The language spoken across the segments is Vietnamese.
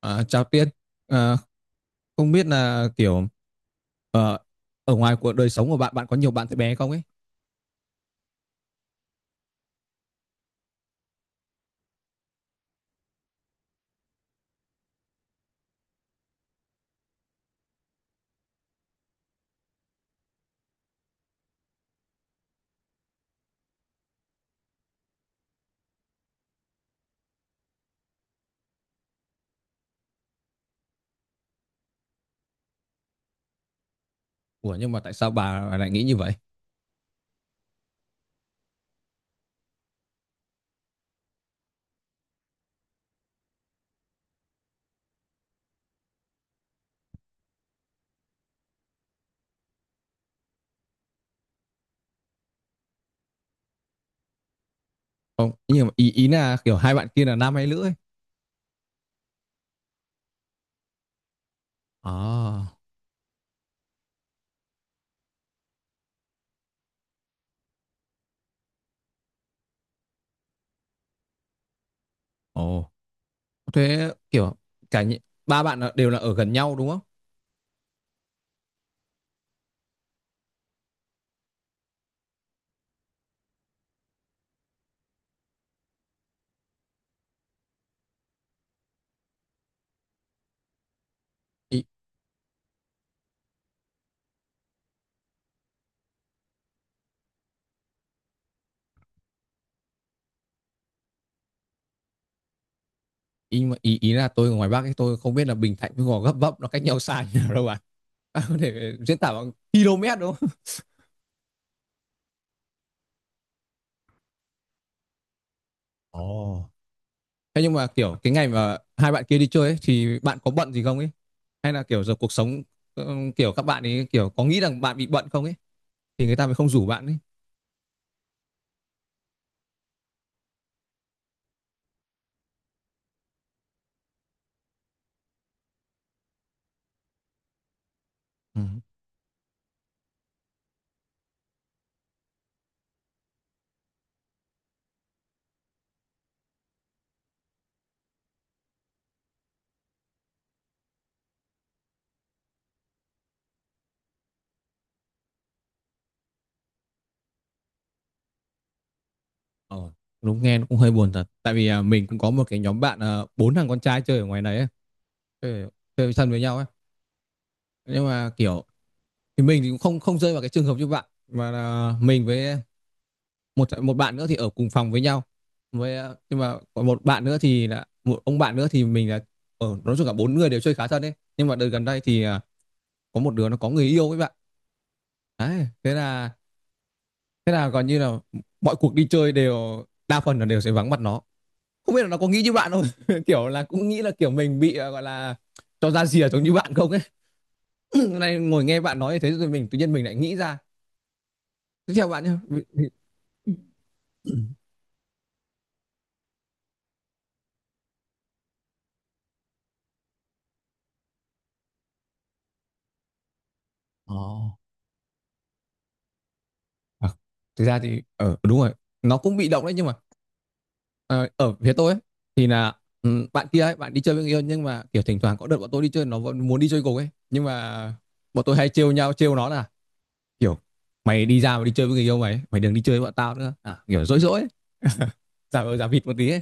Chào Tiên, à, không biết là kiểu ờ, ở ngoài cuộc đời sống của bạn, bạn có nhiều bạn bé không ấy? Ủa nhưng mà tại sao bà lại nghĩ như vậy? Không, nhưng mà ý ý là kiểu hai bạn kia là nam hay nữ ấy? À, ồ, thế kiểu cả nhị- ba bạn đều là ở gần nhau đúng không? Ý ý mà ý, ý là tôi ở ngoài Bắc ấy, tôi không biết là Bình Thạnh với Gò Gấp Vấp nó cách nhau xa như nào đâu bạn. Bạn có thể diễn tả bằng km đúng không? Ồ. Thế nhưng mà kiểu cái ngày mà hai bạn kia đi chơi ấy, thì bạn có bận gì không ấy? Hay là kiểu giờ cuộc sống kiểu các bạn ấy kiểu có nghĩ rằng bạn bị bận không ấy thì người ta mới không rủ bạn ấy. Ừ. Ờ, đúng nghe nó cũng hơi buồn thật. Tại vì mình cũng có một cái nhóm bạn à, bốn thằng con trai chơi ở ngoài đấy ấy, chơi, chơi thân với nhau ấy. Nhưng mà kiểu thì mình thì cũng không không rơi vào cái trường hợp như bạn mà là mình với một một bạn nữa thì ở cùng phòng với nhau với nhưng mà còn một bạn nữa thì là một ông bạn nữa thì mình là ở nói chung cả bốn người đều chơi khá thân ấy, nhưng mà đợt gần đây thì có một đứa nó có người yêu với bạn đấy. Thế là thế là gần như là mọi cuộc đi chơi đều đa phần là đều sẽ vắng mặt nó. Không biết là nó có nghĩ như bạn không, kiểu là cũng nghĩ là kiểu mình bị gọi là cho ra rìa giống như bạn không ấy. Này ngồi nghe bạn nói như thế rồi mình tự nhiên mình lại nghĩ ra. Tiếp theo bạn nhé. Ồ. Oh. À, thực ra thì đúng rồi, nó cũng bị động đấy nhưng mà Ờ, ở phía tôi ấy, thì là bạn kia ấy, bạn đi chơi với người yêu nhưng mà kiểu thỉnh thoảng có đợt bọn tôi đi chơi nó vẫn muốn đi chơi cùng ấy, nhưng mà bọn tôi hay trêu nhau, trêu nó là kiểu mày đi ra mà đi chơi với người yêu mày ấy, mày đừng đi chơi với bọn tao nữa à, kiểu dỗi dỗi ấy, giả vờ giả vịt một tí ấy.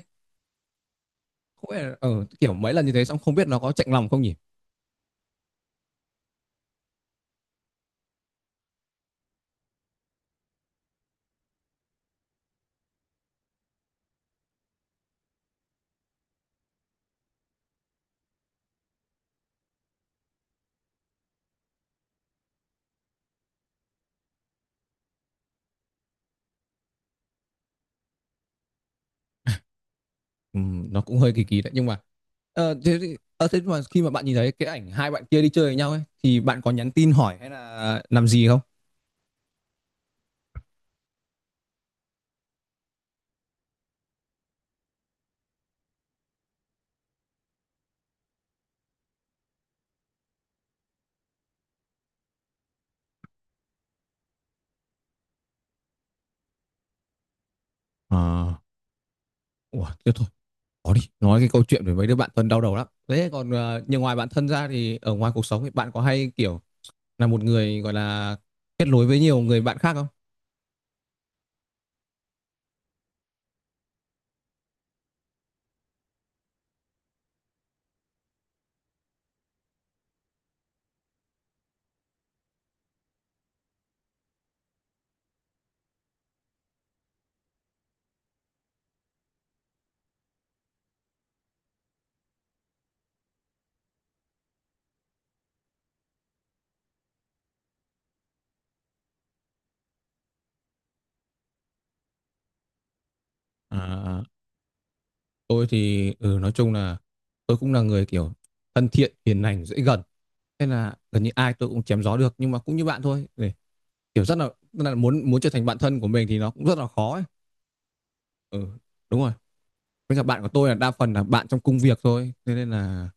Không biết là, kiểu mấy lần như thế xong không biết nó có chạnh lòng không nhỉ. Ừ, nó cũng hơi kỳ kỳ đấy, nhưng mà thế mà khi mà bạn nhìn thấy cái ảnh hai bạn kia đi chơi với nhau ấy thì bạn có nhắn tin hỏi hay là làm gì không? À, ủa, thế thôi. Có đi, nói cái câu chuyện về mấy đứa bạn thân đau đầu lắm. Thế còn nhưng ngoài bạn thân ra thì ở ngoài cuộc sống thì bạn có hay kiểu là một người gọi là kết nối với nhiều người bạn khác không? À, tôi thì nói chung là tôi cũng là người kiểu thân thiện, hiền lành, dễ gần. Thế là gần như ai tôi cũng chém gió được, nhưng mà cũng như bạn thôi. Để, kiểu rất là muốn muốn trở thành bạn thân của mình thì nó cũng rất là khó ấy. Ừ, đúng rồi. Với cả bạn của tôi là đa phần là bạn trong công việc thôi. Thế nên là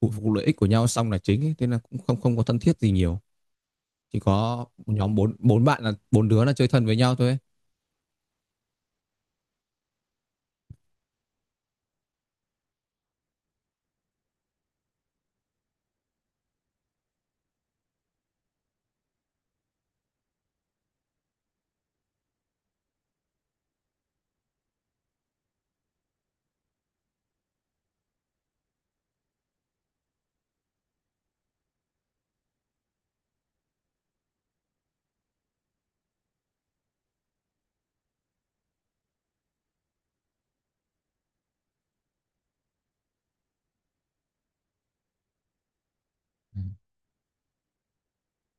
phụ phục lợi ích của nhau xong là chính ấy. Thế nên là cũng không không có thân thiết gì nhiều. Chỉ có một nhóm bốn bốn bạn là bốn đứa là chơi thân với nhau thôi ấy. Ừ.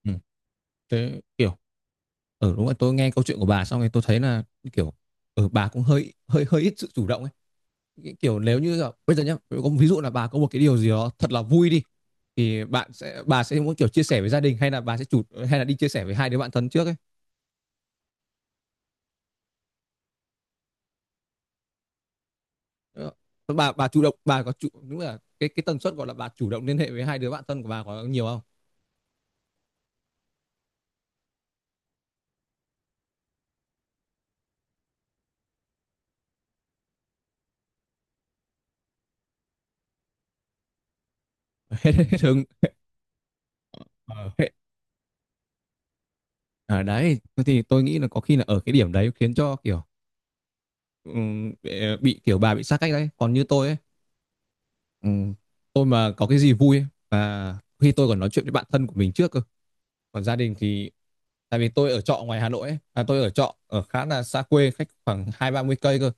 Ừ. Thế kiểu ở đúng là tôi nghe câu chuyện của bà xong rồi tôi thấy là kiểu ở bà cũng hơi hơi hơi ít sự chủ động ấy. Cái kiểu nếu như là, bây giờ nhá, có ví dụ là bà có một cái điều gì đó thật là vui đi thì bạn sẽ bà sẽ muốn kiểu chia sẻ với gia đình hay là bà sẽ chủ hay là đi chia sẻ với hai đứa bạn thân trước ấy? Ờ, bà chủ động bà có chủ đúng là cái tần suất gọi là bà chủ động liên hệ với hai đứa bạn thân của bà có nhiều không? hết hết hứng. Ờ, hết, ở đấy thì tôi nghĩ là có khi là ở cái điểm đấy khiến cho kiểu bị kiểu bà bị xa cách đấy. Còn như tôi ấy, ừm, tôi mà có cái gì vui ấy, và khi tôi còn nói chuyện với bạn thân của mình trước cơ. Còn gia đình thì tại vì tôi ở trọ ngoài Hà Nội ấy, à, tôi ở trọ ở khá là xa quê, cách khoảng hai ba mươi cây cơ,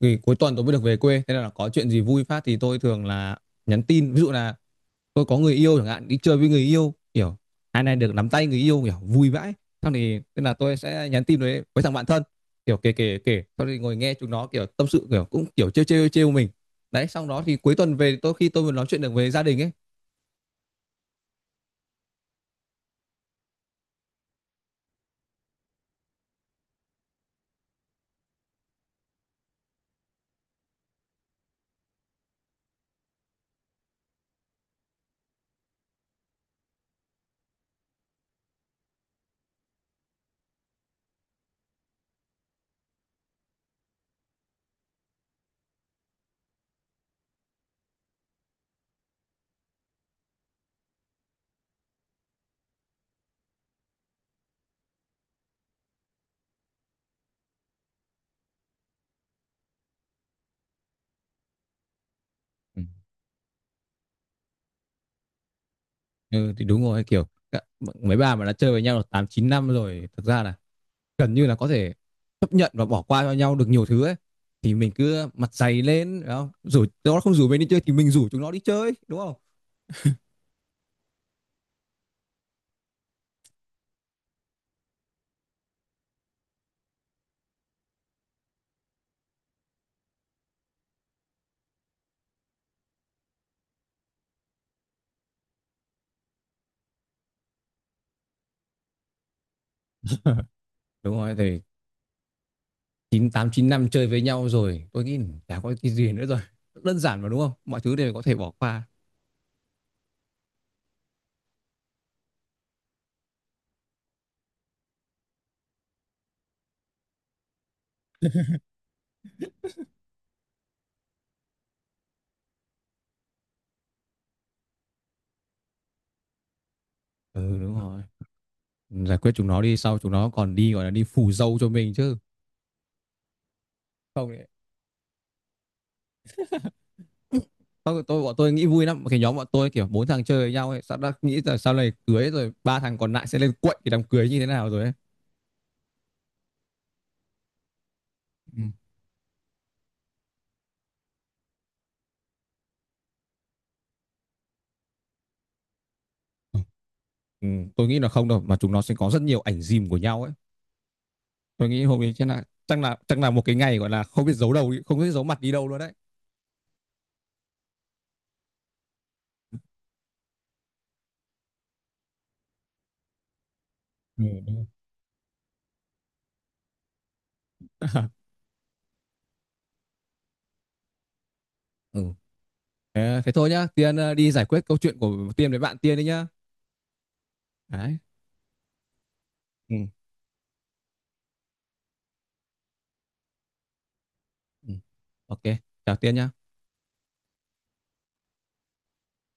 thì cuối tuần tôi mới được về quê. Thế nên là có chuyện gì vui phát thì tôi thường là nhắn tin, ví dụ là tôi có người yêu chẳng hạn, đi chơi với người yêu kiểu hai này được nắm tay người yêu kiểu vui vãi, sau thì tức là tôi sẽ nhắn tin với thằng bạn thân kiểu kể kể kể, sau thì ngồi nghe chúng nó kiểu tâm sự, kiểu cũng kiểu trêu trêu trêu mình đấy, sau đó thì cuối tuần về tôi khi tôi vừa nói chuyện được về gia đình ấy. Ừ. Ừ, thì đúng rồi kiểu mấy bà mà đã chơi với nhau được tám chín năm rồi thực ra là gần như là có thể chấp nhận và bỏ qua cho nhau được nhiều thứ ấy. Thì mình cứ mặt dày lên đúng không, rủ nó, không rủ mình đi chơi thì mình rủ chúng nó đi chơi đúng không? Đúng rồi thì chín tám chín năm chơi với nhau rồi, tôi nghĩ chả có cái gì nữa rồi. Đơn giản mà đúng không? Mọi thứ đều có thể bỏ qua. Ừ đúng rồi. Giải quyết chúng nó đi, sau chúng nó còn đi gọi là đi phủ dâu cho mình chứ. Không ấy. Tôi, bọn tôi nghĩ vui lắm, cái nhóm bọn tôi kiểu bốn thằng chơi với nhau ấy, sao đã nghĩ là sau này cưới rồi ba thằng còn lại sẽ lên quậy cái đám cưới như thế nào rồi ấy. Ừ. Ừ, tôi nghĩ là không đâu mà chúng nó sẽ có rất nhiều ảnh dìm của nhau ấy. Tôi nghĩ hôm nay chắc là một cái ngày gọi là không biết giấu đầu không biết giấu mặt đi đâu luôn đấy. Ừ, ừ. Ờ, thế thôi nhá, Tiên, đi giải quyết câu chuyện của Tiên với bạn Tiên đi nhá. Đấy, ừ. Ừ. Ok, chào Tiên nhá.